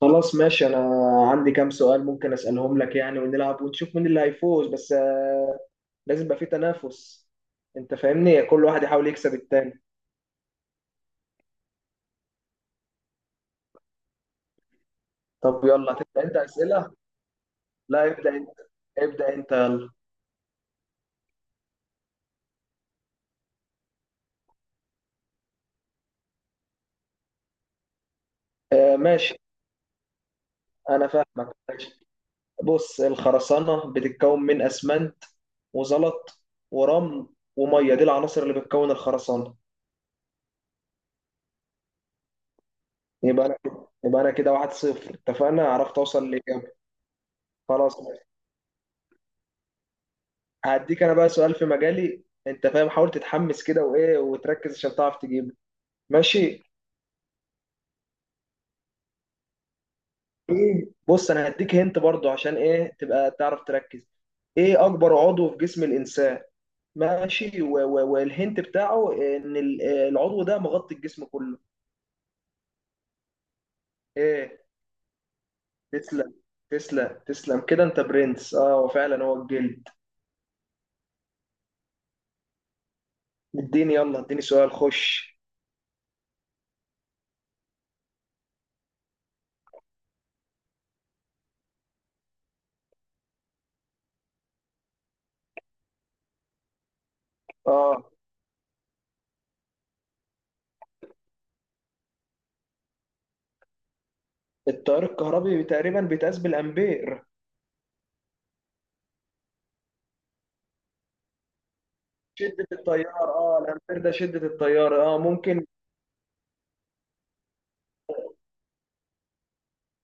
خلاص، ماشي. انا عندي كام سؤال ممكن اسالهم لك يعني، ونلعب ونشوف مين اللي هيفوز. بس لازم يبقى في تنافس. انت فاهمني، كل واحد يحاول يكسب التاني. طب يلا، هتبدا انت اسئله. لا، ابدا انت، ابدا انت، يلا. آه ماشي، انا فاهمك. ماشي، بص، الخرسانه بتتكون من اسمنت، وزلط، ورمل، وميه. دي العناصر اللي بتكون الخرسانه. يبقى انا يبقى انا كده واحد صفر، اتفقنا، عرفت اوصل لاجابه. خلاص، هديك انا بقى سؤال في مجالي. انت فاهم، حاول تتحمس كده وايه، وتركز عشان تعرف تجيبه. ماشي. ايه بص، انا هديك هنت برضو عشان ايه، تبقى تعرف تركز. ايه اكبر عضو في جسم الانسان؟ ماشي، والهنت بتاعه ان العضو ده مغطي الجسم كله. ايه؟ تسلم، تسلم، تسلم، كده انت برنس. اه، وفعلا هو الجلد. اديني يلا، اديني سؤال، خش. اه، التيار الكهربي تقريبا بيتقاس بالامبير. شدة التيار، اه الامبير ده شدة التيار، اه ممكن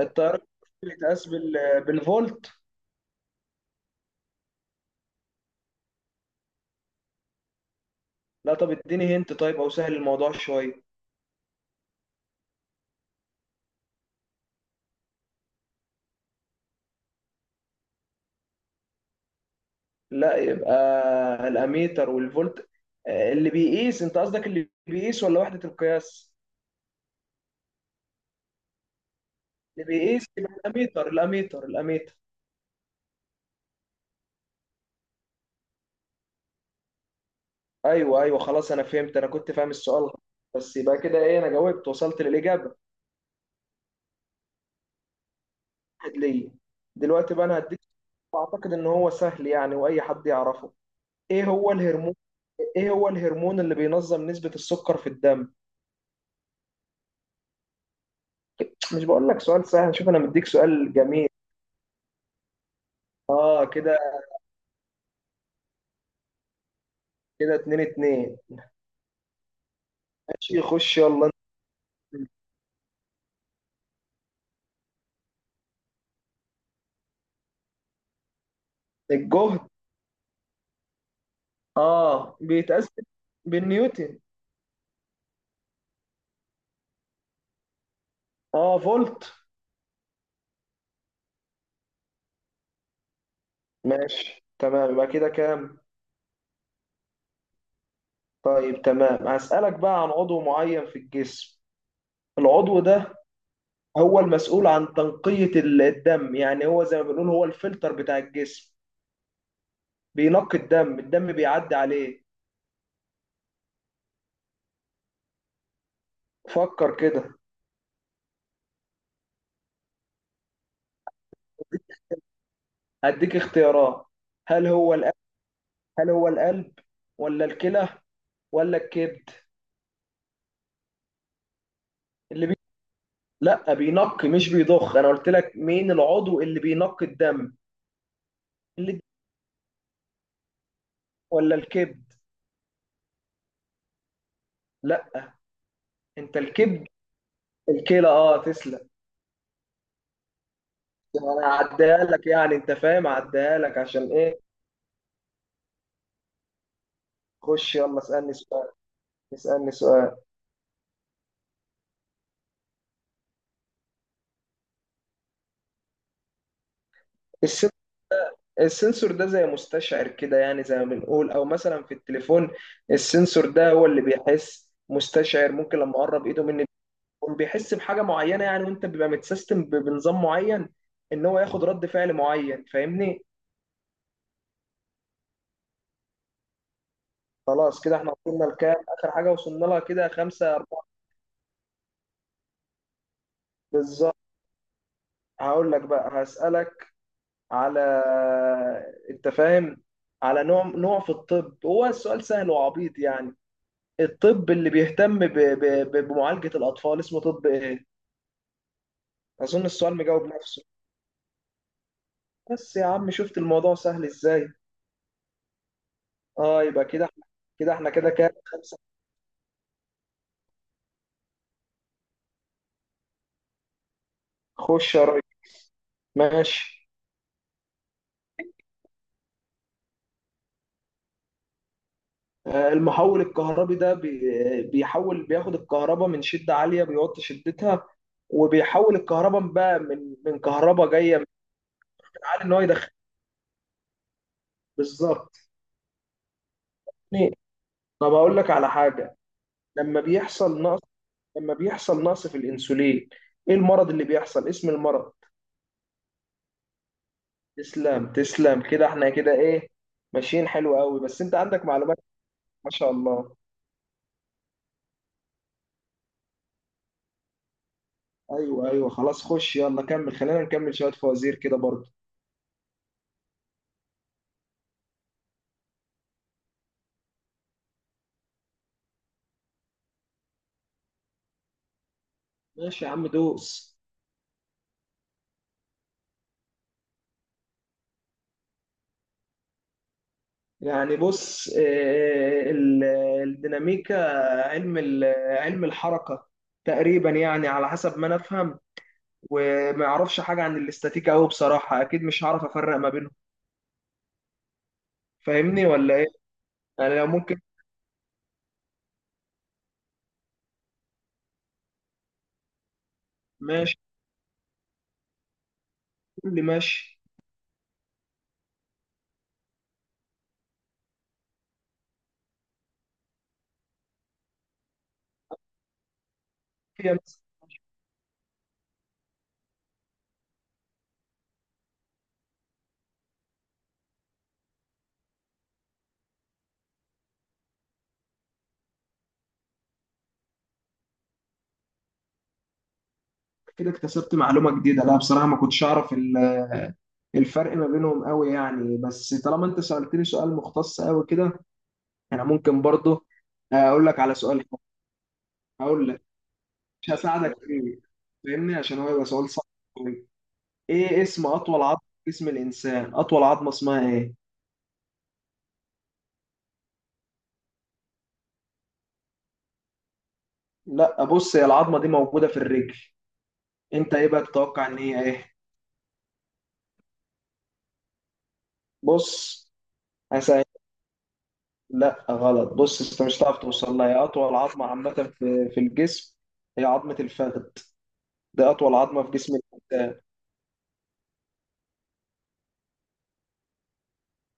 التيار يتقاس بالفولت. لا طب اديني هنت، طيب، او سهل الموضوع شوية. لا يبقى الاميتر والفولت. اللي بيقيس، انت قصدك اللي بيقيس ولا وحدة القياس؟ اللي بيقيس يبقى الاميتر، الاميتر، الاميتر. ايوه ايوه، خلاص انا فهمت، انا كنت فاهم السؤال غلط. بس يبقى كده ايه، انا جاوبت، وصلت للاجابة. واحد ليا. دلوقتي بقى انا هديك سؤال، اعتقد ان هو سهل يعني، واي حد يعرفه. ايه هو الهرمون ايه هو الهرمون اللي بينظم نسبة السكر في الدم؟ مش بقول لك سؤال سهل؟ شوف، انا مديك سؤال جميل. اه كده، كده اتنين اتنين. ماشي، خش يلا. انت. الجهد اه بيتقاس بالنيوتن. اه، فولت. ماشي تمام، يبقى كده كام؟ طيب تمام، هسألك بقى عن عضو معين في الجسم. العضو ده هو المسؤول عن تنقية الدم، يعني هو زي ما بنقول هو الفلتر بتاع الجسم، بينقي الدم. الدم بيعدي عليه، فكر كده. هديك اختيارات. هل هو القلب هل هو القلب، ولا الكلى، ولا الكبد؟ اللي بي... لا بينقي، مش بيضخ، انا قلت لك مين العضو اللي بينقي الدم. الكلى ولا الكبد؟ لا، انت، الكبد؟ الكلى، اه، تسلم. انا هعديها لك يعني، انت فاهم، هعديها لك، عشان ايه. خش يلا، اسالني سؤال، اسالني سؤال. السن... السنسور ده زي مستشعر كده يعني، زي ما بنقول، او مثلا في التليفون السنسور ده هو اللي بيحس، مستشعر، ممكن لما اقرب ايده مني هو بيحس بحاجه معينه يعني، وانت بيبقى متسيستم بنظام معين ان هو ياخد رد فعل معين، فاهمني. خلاص، كده احنا وصلنا لكام؟ اخر حاجه وصلنا لها كده خمسة أربعة. بالظبط، هقول لك بقى، هسألك على، انت فاهم، على نوع في الطب، هو السؤال سهل وعبيط يعني، الطب اللي بيهتم بمعالجة الأطفال اسمه طب ايه؟ أظن السؤال مجاوب نفسه. بس يا عم، شفت الموضوع سهل ازاي. اه، يبقى كده احنا، كده كام؟ خمسة. خش يا ريس، ماشي. المحول الكهربي ده بيحول، بياخد الكهرباء من شدة عالية، بيوطي شدتها. وبيحول الكهرباء بقى من كهرباء جاية من عالي ان هو يدخل. بالظبط يعني، طب هقول لك على حاجة، لما بيحصل نقص لما بيحصل نقص في الانسولين، ايه المرض اللي بيحصل، اسم المرض؟ تسلم، تسلم، كده احنا كده ايه، ماشيين حلو قوي، بس انت عندك معلومات، ما شاء الله. ايوه ايوه، خلاص خش يلا، كمل، خلينا نكمل شوية فوازير كده برضه. ماشي يا عم، دوس. يعني بص، الديناميكا، علم ال- علم الحركة تقريبا، يعني على حسب ما انا افهم. وما اعرفش حاجة عن الاستاتيكا قوي بصراحة، اكيد مش هعرف افرق ما بينهم، فاهمني ولا ايه؟ يعني لو ممكن. ماشي، قول لي، ماشي. كده كده اكتسبت معلومة جديدة، لا بصراحة ما كنتش اعرف الفرق ما بينهم قوي يعني. بس طالما انت سألتني سؤال مختص قوي كده، انا ممكن برضه اقول لك على سؤال حلو. هقول لك، مش هساعدك فيه، فاهمني، عشان هو يبقى سؤال صعب أوي. ايه اسم اطول عظمه في جسم الانسان، اطول عظمه اسمها ايه؟ لا بص، هي العظمه دي موجوده في الرجل، انت ايه بقى تتوقع ان هي ايه؟ بص هسأل. لا غلط، بص انت مش هتعرف توصل لها، هي اطول عظمه عامه في الجسم، هي عظمه الفخذ. دي اطول عظمه في جسم الانسان.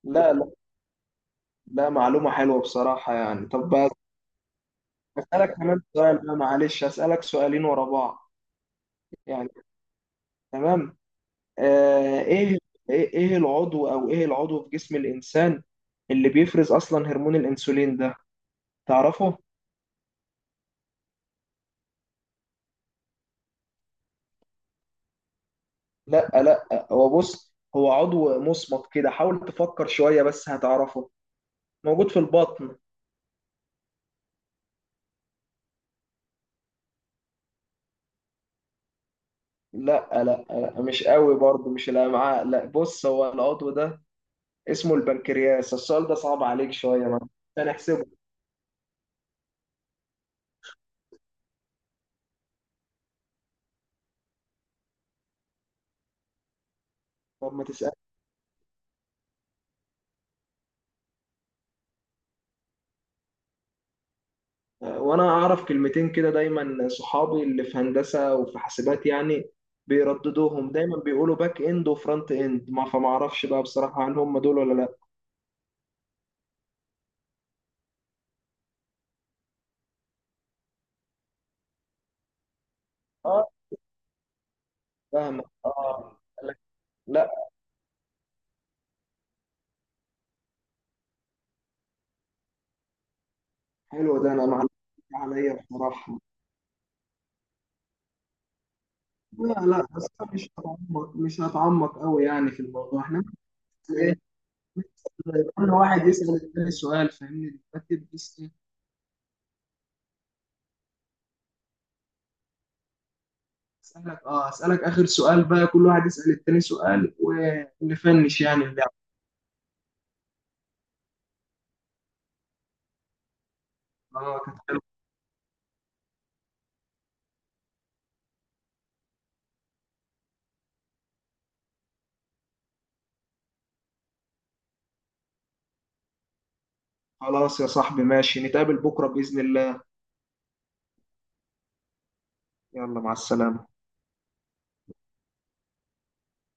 لا لا، لا معلومه حلوه بصراحه يعني. طب بقى اسالك كمان سؤال، بقى معلش اسالك سؤالين ورا بعض يعني. تمام. آه، ايه ايه العضو في جسم الانسان اللي بيفرز اصلا هرمون الانسولين ده، تعرفه؟ لا لا، هو بص، هو عضو مصمت كده، حاول تفكر شوية بس هتعرفه، موجود في البطن. لا لا لا، مش قوي برضه، مش الامعاء، لا بص، هو العضو ده اسمه البنكرياس. السؤال ده صعب عليك شوية، ما هنحسبه. طب ما تسأل. وانا اعرف كلمتين كده، دايما صحابي اللي في هندسه وفي حاسبات يعني بيرددوهم، دايما بيقولوا باك اند وفرونت اند، ما فما اعرفش بقى بصراحه هل هم دول ولا لا. اه، فاهمك، اه، لا. حلو ده، انا معلش عليا بصراحه. لا لا، بس أنا مش هتعمق، قوي يعني في الموضوع احنا. بس ايه، كل واحد يسال التاني سؤال فاهمني، بكتب بس ايه. اسالك، اخر سؤال بقى، كل واحد يسال التاني سؤال ونفنش يعني اللعبه. كانت. خلاص يا صاحبي، ماشي، نتقابل بكرة بإذن الله. يلا، مع السلامة.